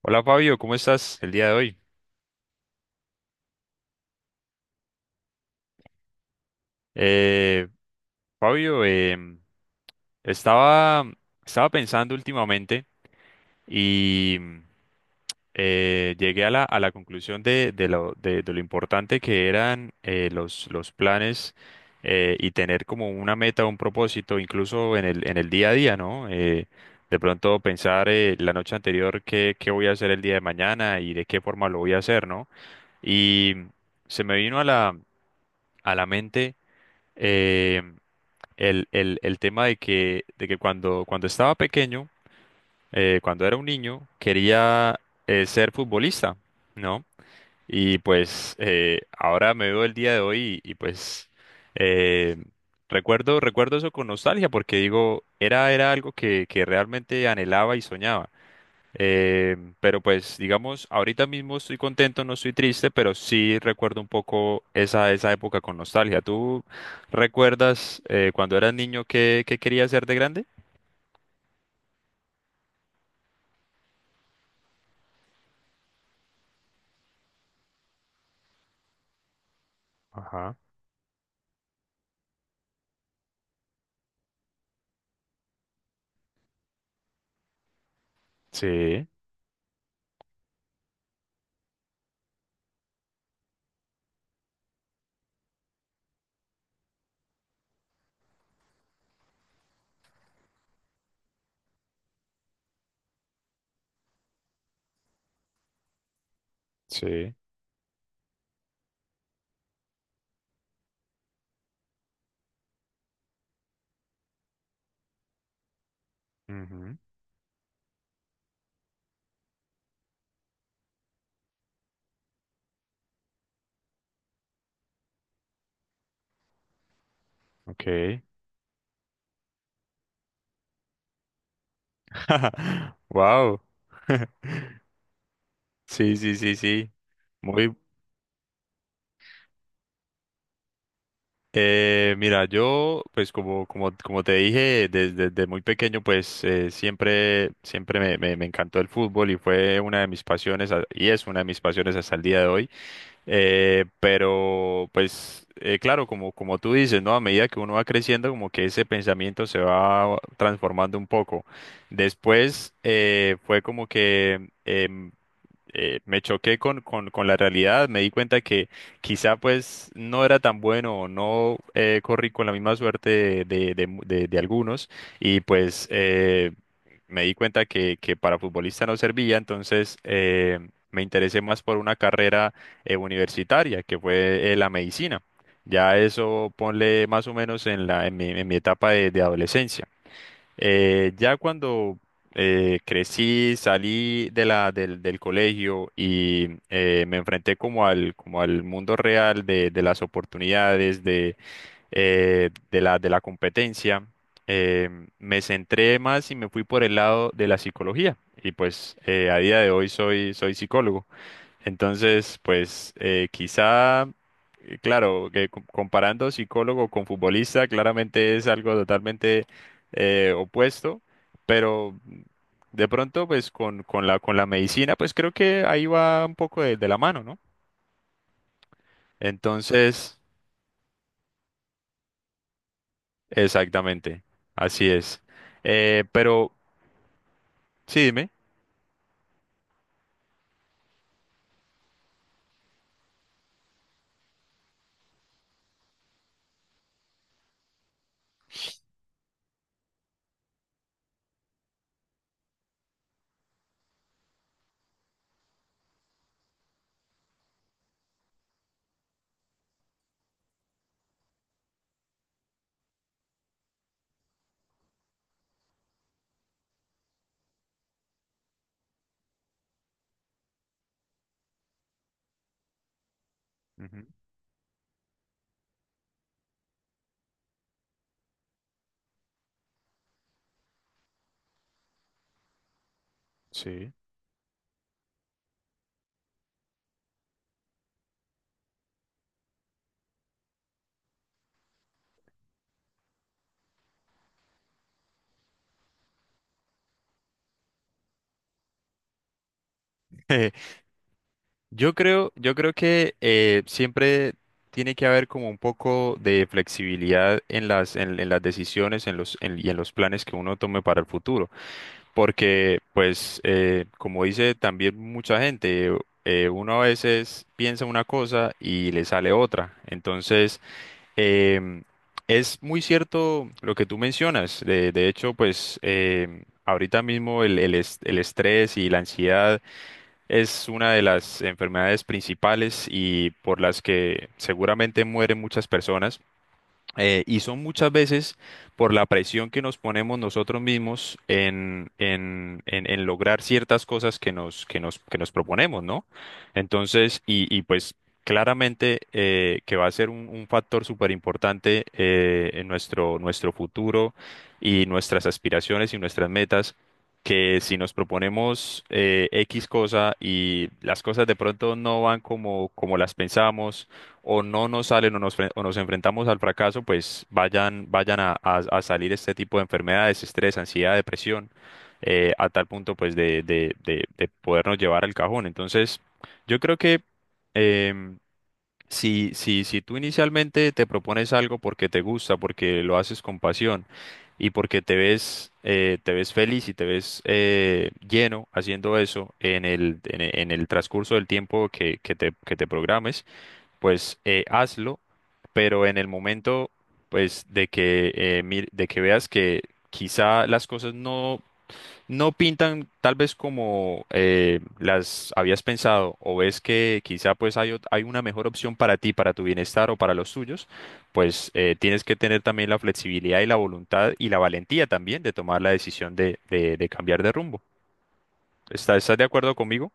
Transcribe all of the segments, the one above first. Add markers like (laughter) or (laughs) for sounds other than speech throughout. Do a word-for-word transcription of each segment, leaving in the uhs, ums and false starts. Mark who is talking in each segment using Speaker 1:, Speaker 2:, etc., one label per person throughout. Speaker 1: Hola Fabio, ¿cómo estás el día de hoy? Eh, Fabio, em, estaba, estaba pensando últimamente y mm, eh, llegué a la, a la conclusión de, de lo, de- de lo importante que eran eh, los, los planes, eh, y tener como una meta, un propósito, incluso en el, en el día a día, ¿no? Eh, de pronto pensar eh, la noche anterior qué, qué voy a hacer el día de mañana y de qué forma lo voy a hacer, ¿no? Y se me vino a la, a la mente, em, el, el- el tema de que, de que cuando, cuando estaba pequeño, eh, cuando era un niño, quería eh, ser futbolista, ¿no? Y pues eh, ahora me veo el día de hoy y, y, pues eh, recuerdo, recuerdo eso con nostalgia porque digo, era, era algo que, que realmente anhelaba y soñaba. Eh, pero pues digamos, ahorita mismo estoy contento, no estoy triste, pero sí recuerdo un poco esa, esa época con nostalgia. ¿Tú recuerdas, eh, cuando eras niño, qué, qué querías ser de grande? Ajá. Sí, sí. Ujú. Ok. (laughs) Wow. (laughs) Sí, sí, sí, sí. Muy, Eh, mira, yo, pues como, como, como te dije, desde, desde muy pequeño, pues eh, siempre, siempre me, me, me encantó el fútbol y fue una de mis pasiones, a- y es una de mis pasiones hasta el día de hoy. Eh, pero pues eh, claro, como, como tú dices, ¿no? A medida que uno va creciendo, como que ese pensamiento se va transformando un poco. Después eh, fue como que em, eh, me choqué con, con, con la realidad, me di cuenta que quizá pues no era tan bueno o no eh, corrí con la misma suerte de, de, mu- de- de algunos y pues eh, me di cuenta que, que para futbolista no servía. Entonces eh, me interesé más por una carrera eh, universitaria, que fue eh, la medicina. Ya eso ponle más o menos en la, en mi, en mi etapa de, de adolescencia. Eh, ya cuando eh, crecí, salí de la, del, del colegio y eh, me enfrenté como al, como al mundo real de, de las oportunidades, de, eh, de la, de la competencia. eh, Me centré más y me fui por el lado de la psicología. Y pues eh, a día de hoy soy, soy psicólogo. Entonces, pues eh, quizá, eh, claro, que co- comparando psicólogo con futbolista, claramente es algo totalmente eh, opuesto, pero de pronto, pues con, con la, con la medicina, pues creo que ahí va un poco de, de la mano, ¿no? Entonces, exactamente, así es. Eh, pero, sí, dime. Ujú. Sí. (laughs) Yo creo, yo creo que eh, siempre tiene que haber como un poco de flexibilidad en las, en, en las decisiones en los, en- y en los planes que uno tome para el futuro, porque pues eh, como dice también mucha gente, eh, uno a veces piensa una cosa y le sale otra. Entonces, em, es muy cierto lo que tú mencionas. De, de hecho, pues em, ahorita mismo el, el est- el estrés y la ansiedad es una de las enfermedades principales y por las que seguramente mueren muchas personas. Eh, y son muchas veces por la presión que nos ponemos nosotros mismos en, en, en, en lograr ciertas cosas que nos, que nos, que nos proponemos, ¿no? Entonces, y, y pues claramente eh, que va a ser un, un factor súper importante eh, en nuestro, nuestro futuro y nuestras aspiraciones y nuestras metas. Que si nos proponemos eh, equis cosa y las cosas de pronto no van como, como las pensamos, o no nos salen o nos, fre- o nos enfrentamos al fracaso, pues vayan, vayan a, a- a salir este tipo de enfermedades, estrés, ansiedad, depresión, eh, a tal punto pues de, de, de, de podernos llevar al cajón. Entonces, yo creo que em, si, si, si tú inicialmente te propones algo porque te gusta, porque lo haces con pasión y porque te ves, eh, te ves feliz y te ves eh, lleno haciendo eso en el, en el en el transcurso del tiempo que, que te, que te programes, pues eh, hazlo, pero en el momento, pues de que, eh, mir- de que veas que quizá las cosas no, no pintan tal vez como eh, las habías pensado, o ves que quizá pues hay, ot- hay una mejor opción para ti, para tu bienestar o para los tuyos, pues eh, tienes que tener también la flexibilidad y la voluntad y la valentía también de tomar la decisión de, de- de cambiar de rumbo. ¿Está- ¿Estás de acuerdo conmigo?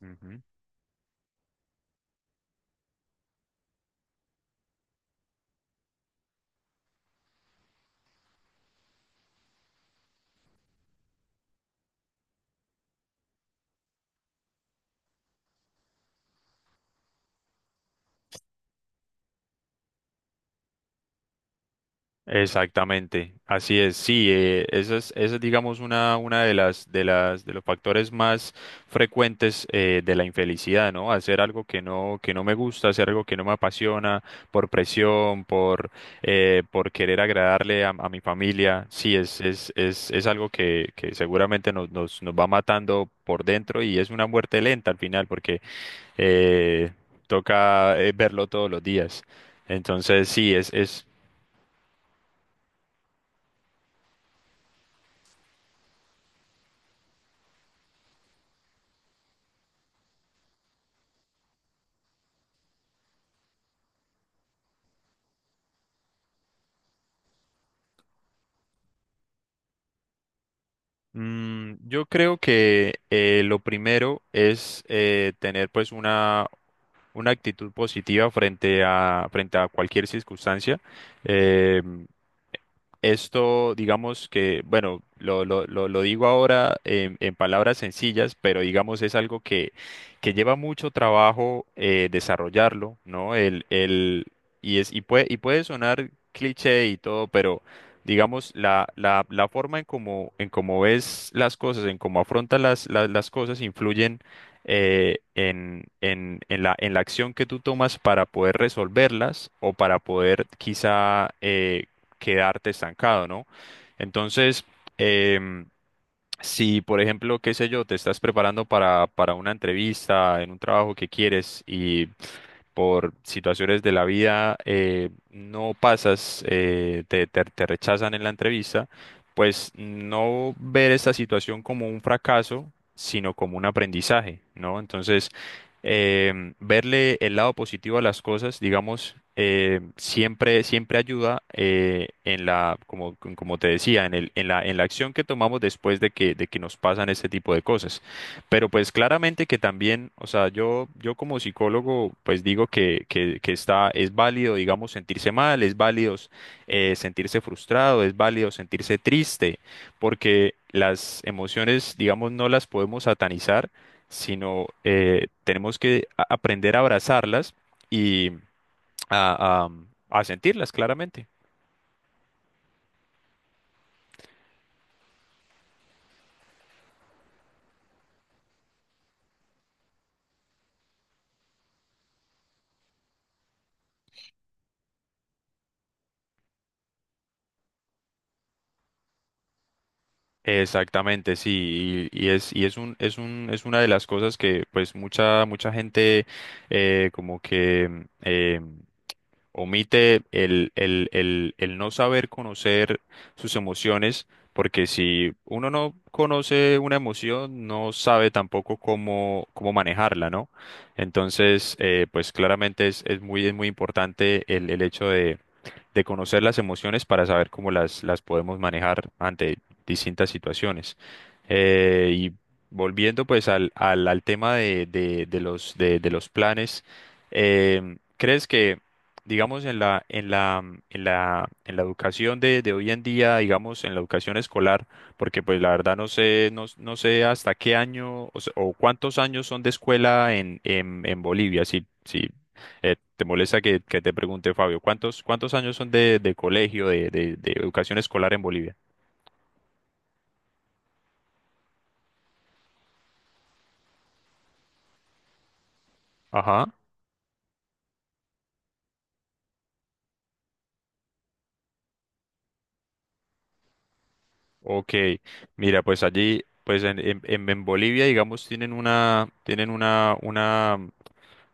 Speaker 1: Ujú. Exactamente, así es, sí, eh, esa es, esa es, digamos, una, una de las, de las, de los factores más frecuentes eh, de la infelicidad, ¿no? Hacer algo que no, que no me gusta, hacer algo que no me apasiona, por presión, por, eh, por querer agradarle a, a mi familia. Sí, es, es, es, es algo que, que seguramente nos, nos, nos va matando por dentro y es una muerte lenta al final, porque eh, toca eh, verlo todos los días. Entonces, sí, es, es Mm, yo creo que eh, lo primero es eh, tener pues una, una actitud positiva frente a, frente a cualquier circunstancia. Em, Esto, digamos que, bueno, lo, lo, lo, lo digo ahora en, en palabras sencillas, pero digamos es algo que, que lleva mucho trabajo eh, desarrollarlo, ¿no? El, el, y, es, y, puede, Y puede sonar cliché y todo, pero digamos la, la, la forma en cómo, en cómo ves las cosas, en cómo afrontas las, las, las cosas, influyen eh, en, en, en la, en la acción que tú tomas para poder resolverlas o para poder quizá eh, quedarte estancado, ¿no? Entonces, em, si, por ejemplo, qué sé yo, te estás preparando para, para una entrevista en un trabajo que quieres y por situaciones de la vida eh, no pasas, eh, te, te- te rechazan en la entrevista. Pues no ver esta situación como un fracaso, sino como un aprendizaje, ¿no? Entonces, em, verle el lado positivo a las cosas, digamos, em, siempre, siempre ayuda eh, en la, como, como te decía, en el, en la, en la acción que tomamos después de que, de que nos pasan este tipo de cosas. Pero pues claramente que también, o sea, yo, yo como psicólogo, pues digo que, que, que está, es válido, digamos, sentirse mal, es válido eh, sentirse frustrado, es válido sentirse triste, porque las emociones, digamos, no las podemos satanizar, sino eh, tenemos que a- aprender a abrazarlas y a, a a sentirlas claramente. Exactamente, sí, y, y es y es un es un es una de las cosas que pues mucha mucha gente eh, como que mm, eh, omite el, el el el no saber conocer sus emociones, porque si uno no conoce una emoción, no sabe tampoco cómo cómo manejarla, ¿no? Entonces, eh, pues claramente es es muy es muy importante el el hecho de de conocer las emociones para saber cómo las, las podemos manejar ante distintas situaciones. Eh, y volviendo pues al, al, al tema de, de, de los, de, de los planes. Em, ¿crees que, digamos, en la, en la, en la, en la educación de, de hoy en día, digamos, en la educación escolar? Porque pues la verdad no sé, no, no sé hasta qué año, o, se- o cuántos años son de escuela en, en, en Bolivia. Si, si eh, ¿Te molesta que, que te pregunte, Fabio, cuántos, cuántos años son de, de colegio, de, de- de educación escolar en Bolivia? Ajá. Ok, mira, pues allí, pues en, en, en- en Bolivia, digamos, tienen una, tienen una, una,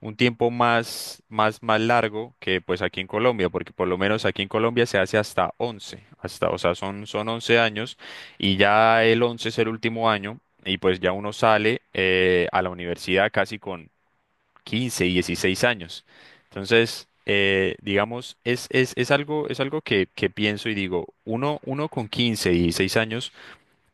Speaker 1: un tiempo más, más, más largo que pues aquí en Colombia, porque por lo menos aquí en Colombia se hace hasta once hasta, o sea, son, son once años, y ya el once es el último año, y pues ya uno sale eh, a la universidad casi con quince y dieciséis años. Entonces, eh, digamos, es, es, es algo, es algo que, que pienso y digo, uno, uno con quince y dieciséis años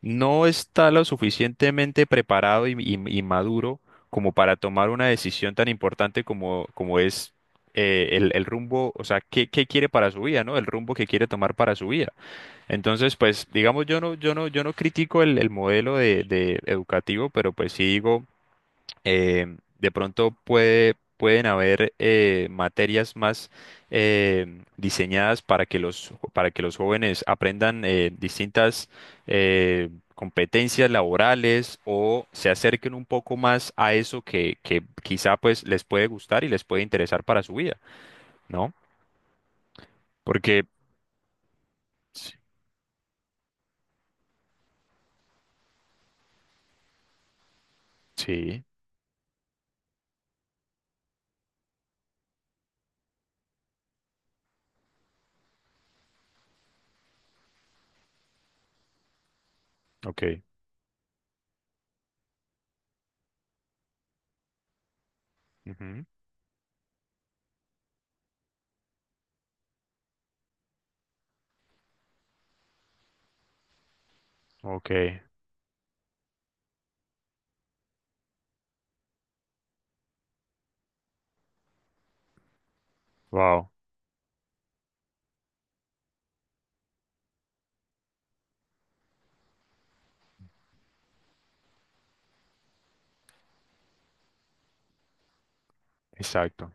Speaker 1: no está lo suficientemente preparado y, y- y maduro como para tomar una decisión tan importante como, como es eh, el, el rumbo, o sea, qué, qué quiere para su vida, ¿no? El rumbo que quiere tomar para su vida. Entonces, pues, digamos, yo no, yo no, yo no critico el, el modelo de, de educativo. Pero pues sí digo eh, de pronto puede, pueden haber eh, materias más eh, diseñadas para que los, para que los jóvenes aprendan eh, distintas eh, competencias laborales, o se acerquen un poco más a eso que, que quizá pues les puede gustar y les puede interesar para su vida, ¿no? Porque... Sí, sí, ok. Ujú. Ok. Wow. Exacto.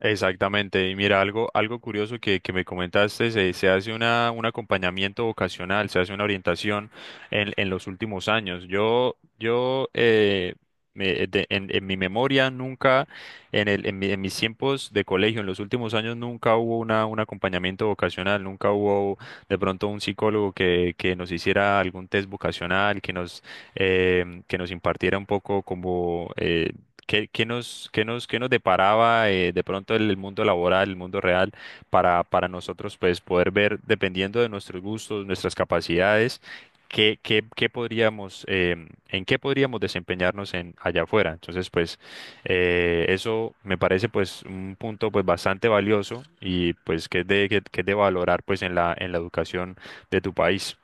Speaker 1: Exactamente. Y mira, algo, algo curioso que, que me comentaste, se, se hace una, un acompañamiento vocacional, se hace una orientación en, en los últimos años. Yo, yo eh, me- de- en, en mi memoria nunca, en, el, en, mi- en mis tiempos de colegio, en los últimos años nunca hubo una, un acompañamiento vocacional. Nunca hubo de pronto un psicólogo que, que nos hiciera algún test vocacional, que nos, eh, que nos impartiera un poco como eh, ¿Qué, qué nos, qué nos, qué nos deparaba eh, de pronto el, el mundo laboral, el mundo real, para, para nosotros pues poder ver, dependiendo de nuestros gustos, nuestras capacidades, qué, qué, qué podríamos, em, en qué podríamos desempeñarnos en, allá afuera? Entonces, pues eh, eso me parece pues un punto pues bastante valioso, y pues que es de, que, que es de valorar pues en la, en la educación de tu país.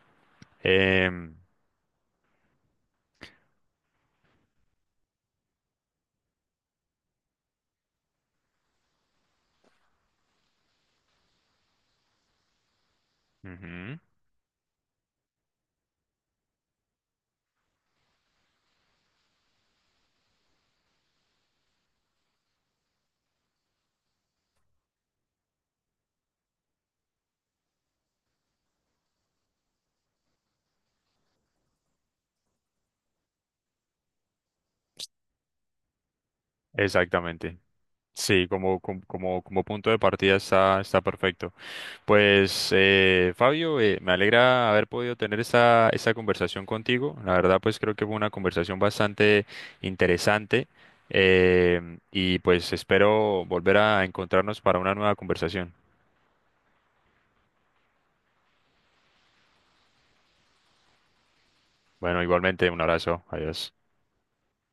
Speaker 1: Em, Ujú. Exactamente. Sí, como, como, como, como punto de partida está, está perfecto. Pues eh, Fabio, eh, me alegra haber podido tener esta, esta conversación contigo. La verdad, pues creo que fue una conversación bastante interesante, eh, y pues espero volver a encontrarnos para una nueva conversación. Bueno, igualmente, un abrazo. Adiós.